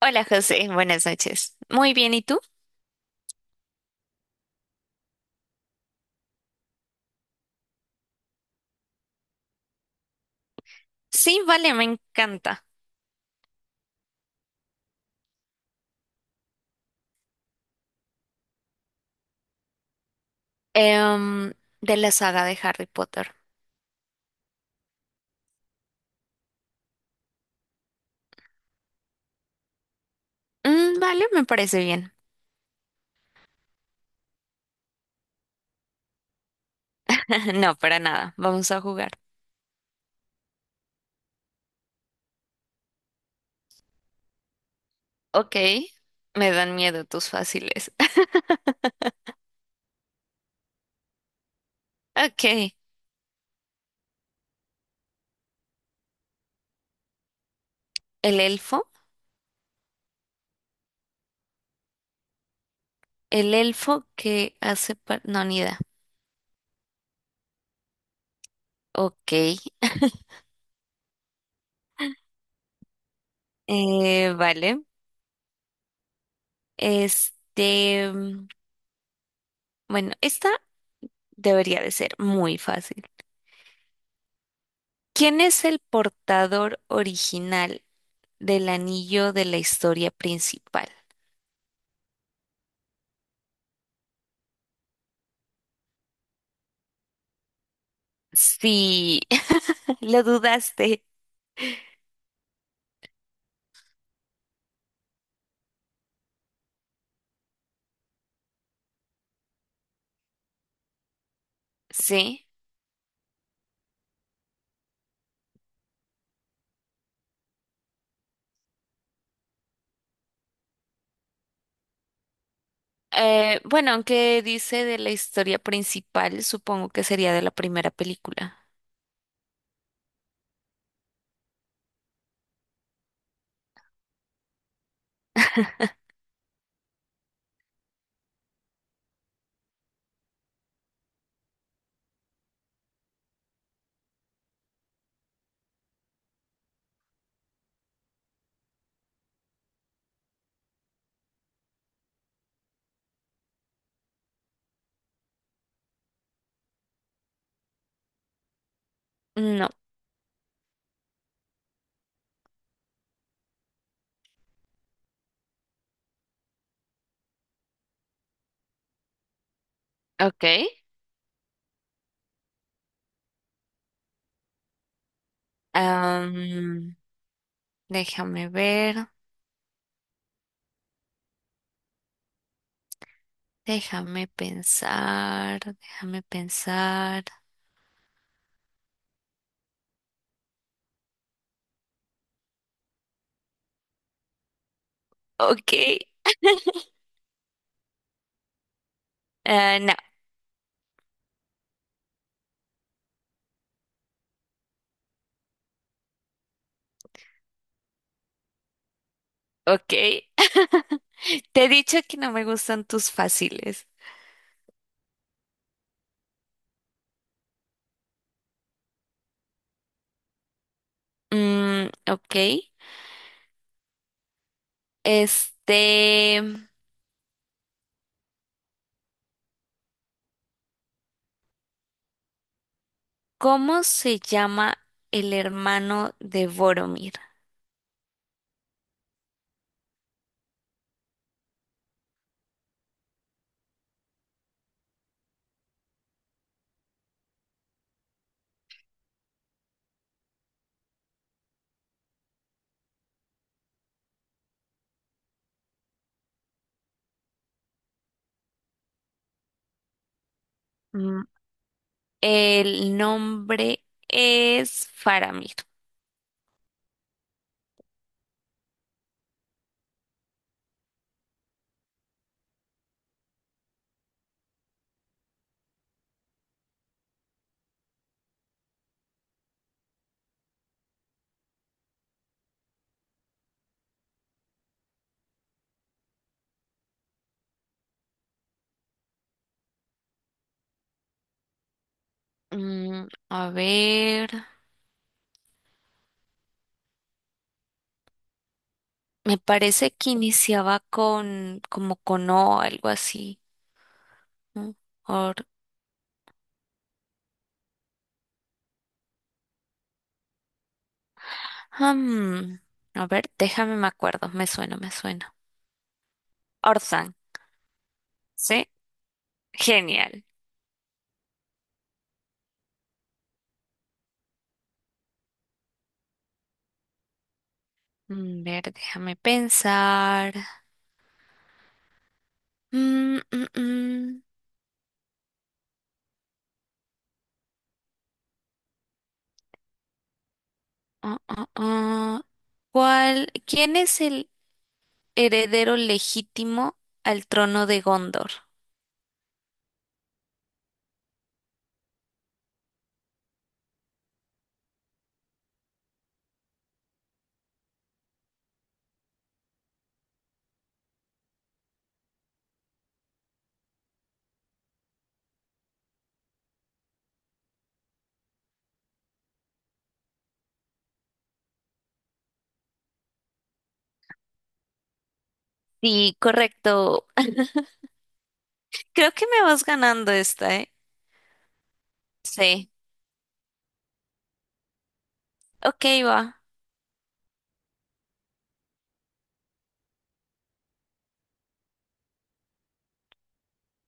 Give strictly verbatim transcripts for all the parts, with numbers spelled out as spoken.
Hola José, buenas noches. Muy bien, ¿y tú? Sí, vale, me encanta. Em, de la saga de Harry Potter. Mm, vale, me parece bien. No, para nada, vamos a jugar. Ok, me dan miedo tus fáciles. Ok, el elfo. El elfo que hace... par- No, ni idea. Ok, eh, vale. Este... mm, Bueno, esta debería de ser muy fácil. ¿Quién es el portador original del anillo de la historia principal? Sí, lo dudaste, sí. Eh, bueno, aunque dice de la historia principal, supongo que sería de la primera película. No. Ok. Am, Déjame ver, déjame pensar, déjame pensar. Ok. Ah, no, ok. Te he dicho que no me gustan tus fáciles. Mm, ok. Este. ¿Cómo se llama el hermano de Boromir? Mm, el nombre es Faramir. Mm, a ver, me parece que iniciaba con como con O, algo así. ¿No? Or- Hmm, a ver, déjame me acuerdo, me suena, me suena. Orthanc, ¿sí? Genial. Mm, A ver, déjame pensar. Mm, mm, mm. Ah, ah, ah. ¿Cuál? ¿Quién es el heredero legítimo al trono de Gondor? Sí, correcto. Creo que me vas ganando esta, ¿eh? Sí. Ok, va.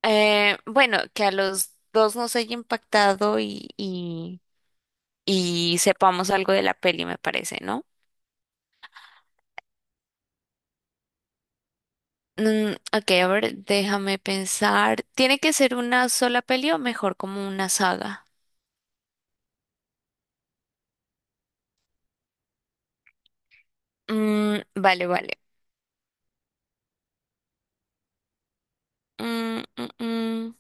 Eh, bueno, que a los dos nos haya impactado y, y, y sepamos algo de la peli, me parece, ¿no? Mm, ok, a ver, déjame pensar. ¿Tiene que ser una sola peli o mejor como una saga? Mm, vale, vale. Mm, mm, mm.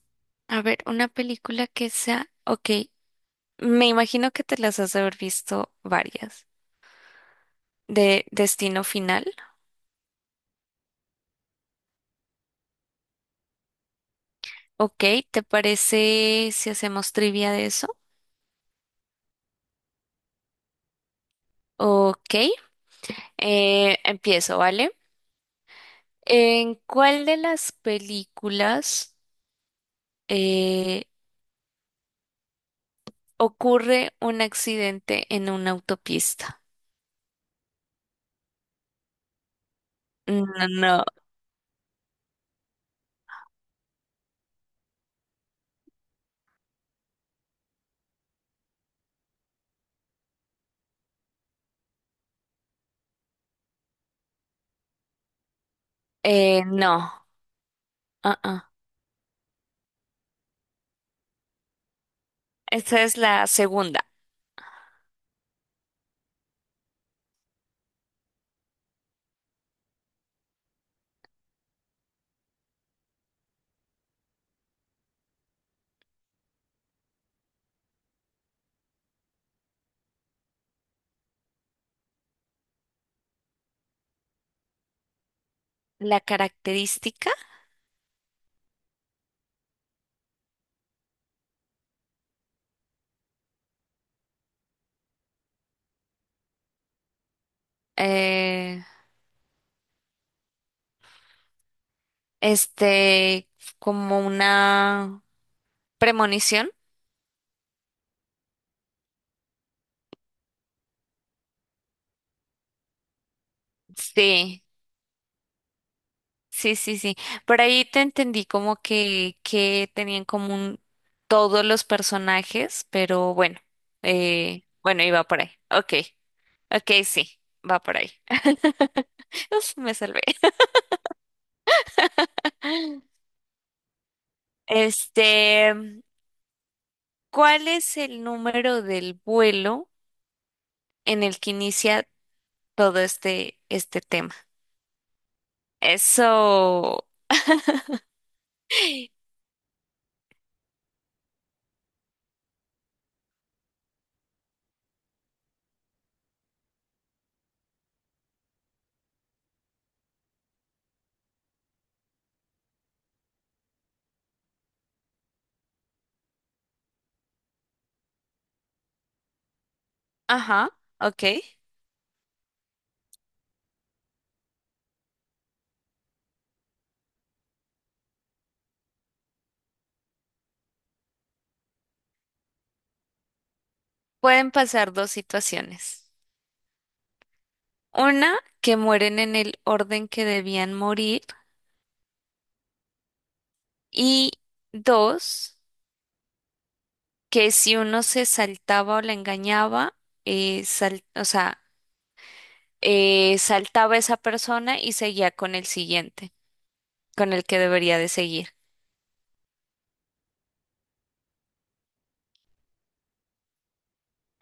A ver, una película que sea... Ok. Me imagino que te las has de haber visto varias. De Destino Final. Ok, ¿te parece si hacemos trivia de eso? Ok, eh, empiezo, ¿vale? ¿En cuál de las películas eh, ocurre un accidente en una autopista? No, no, eh, no. Ah, ah. Esta es la segunda. La característica, eh, este, como una premonición. Sí, sí, sí, sí. Por ahí te entendí como que, que tenían en común todos los personajes, pero bueno, eh, bueno, iba por ahí. Ok, ok, sí, va por ahí. Uf, me salvé. Este, ¿cuál es el número del vuelo en el que inicia todo este, este tema? Eso, ajá, ok. Pueden pasar dos situaciones. Una, que mueren en el orden que debían morir. Y dos, que si uno se saltaba o la engañaba, eh, sal- o sea, eh, saltaba esa persona y seguía con el siguiente, con el que debería de seguir.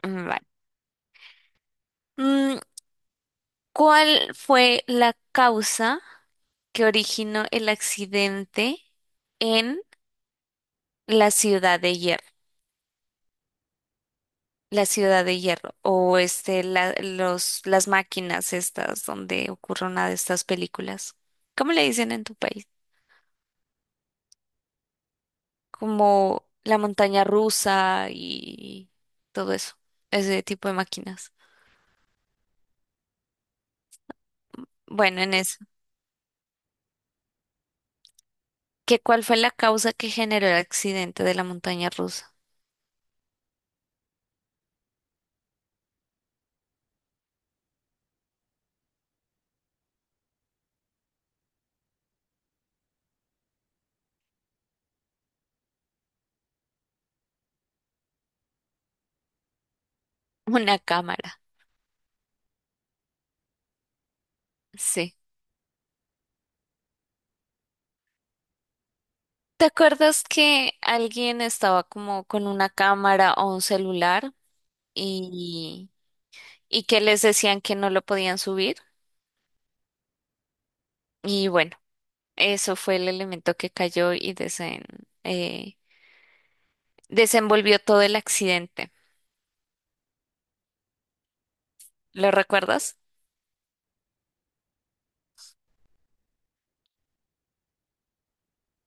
Mm, vale. Mm, ¿Cuál fue la causa que originó el accidente en la ciudad de Hierro? La ciudad de hierro o este la- los las máquinas estas donde ocurre una de estas películas. ¿Cómo le dicen en tu país? Como la montaña rusa y todo eso, ese tipo de máquinas. Bueno, en eso. ¿Qué cuál fue la causa que generó el accidente de la montaña rusa? Una cámara. Sí. ¿Te acuerdas que alguien estaba como con una cámara o un celular y y que les decían que no lo podían subir? Y bueno, eso fue el elemento que cayó y desen- eh, desenvolvió todo el accidente. ¿Lo recuerdas?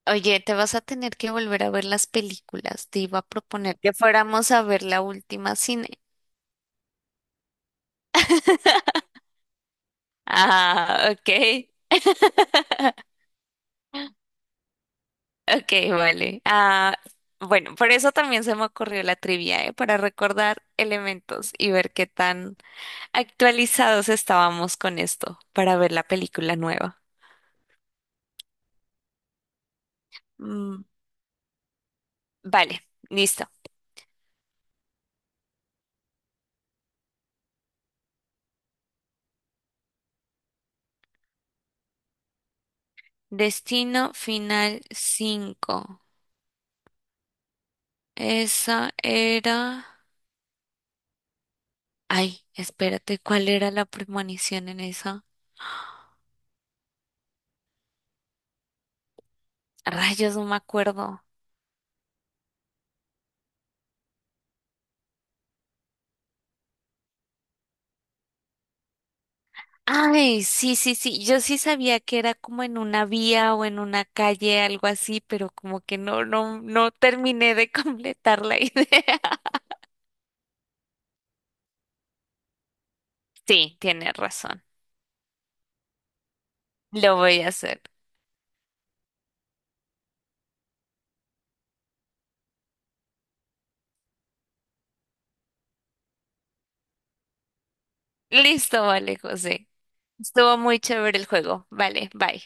Oye, te vas a tener que volver a ver las películas. Te iba a proponer que fuéramos a ver la última cine. Ah, ok. Ok, vale. Ah, bueno, por eso también se me ocurrió la trivia, ¿eh? Para recordar elementos y ver qué tan actualizados estábamos con esto para ver la película nueva. Mm, vale, listo. Destino Final cinco. Esa era... Ay, espérate, ¿cuál era la premonición en esa? Rayos, no me acuerdo. Ay, sí, sí, sí. Yo sí sabía que era como en una vía o en una calle, algo así, pero como que no, no, no terminé de completar la idea. Sí, tienes razón. Lo voy a hacer. Listo, vale, José. Estuvo muy chévere el juego. Vale, bye.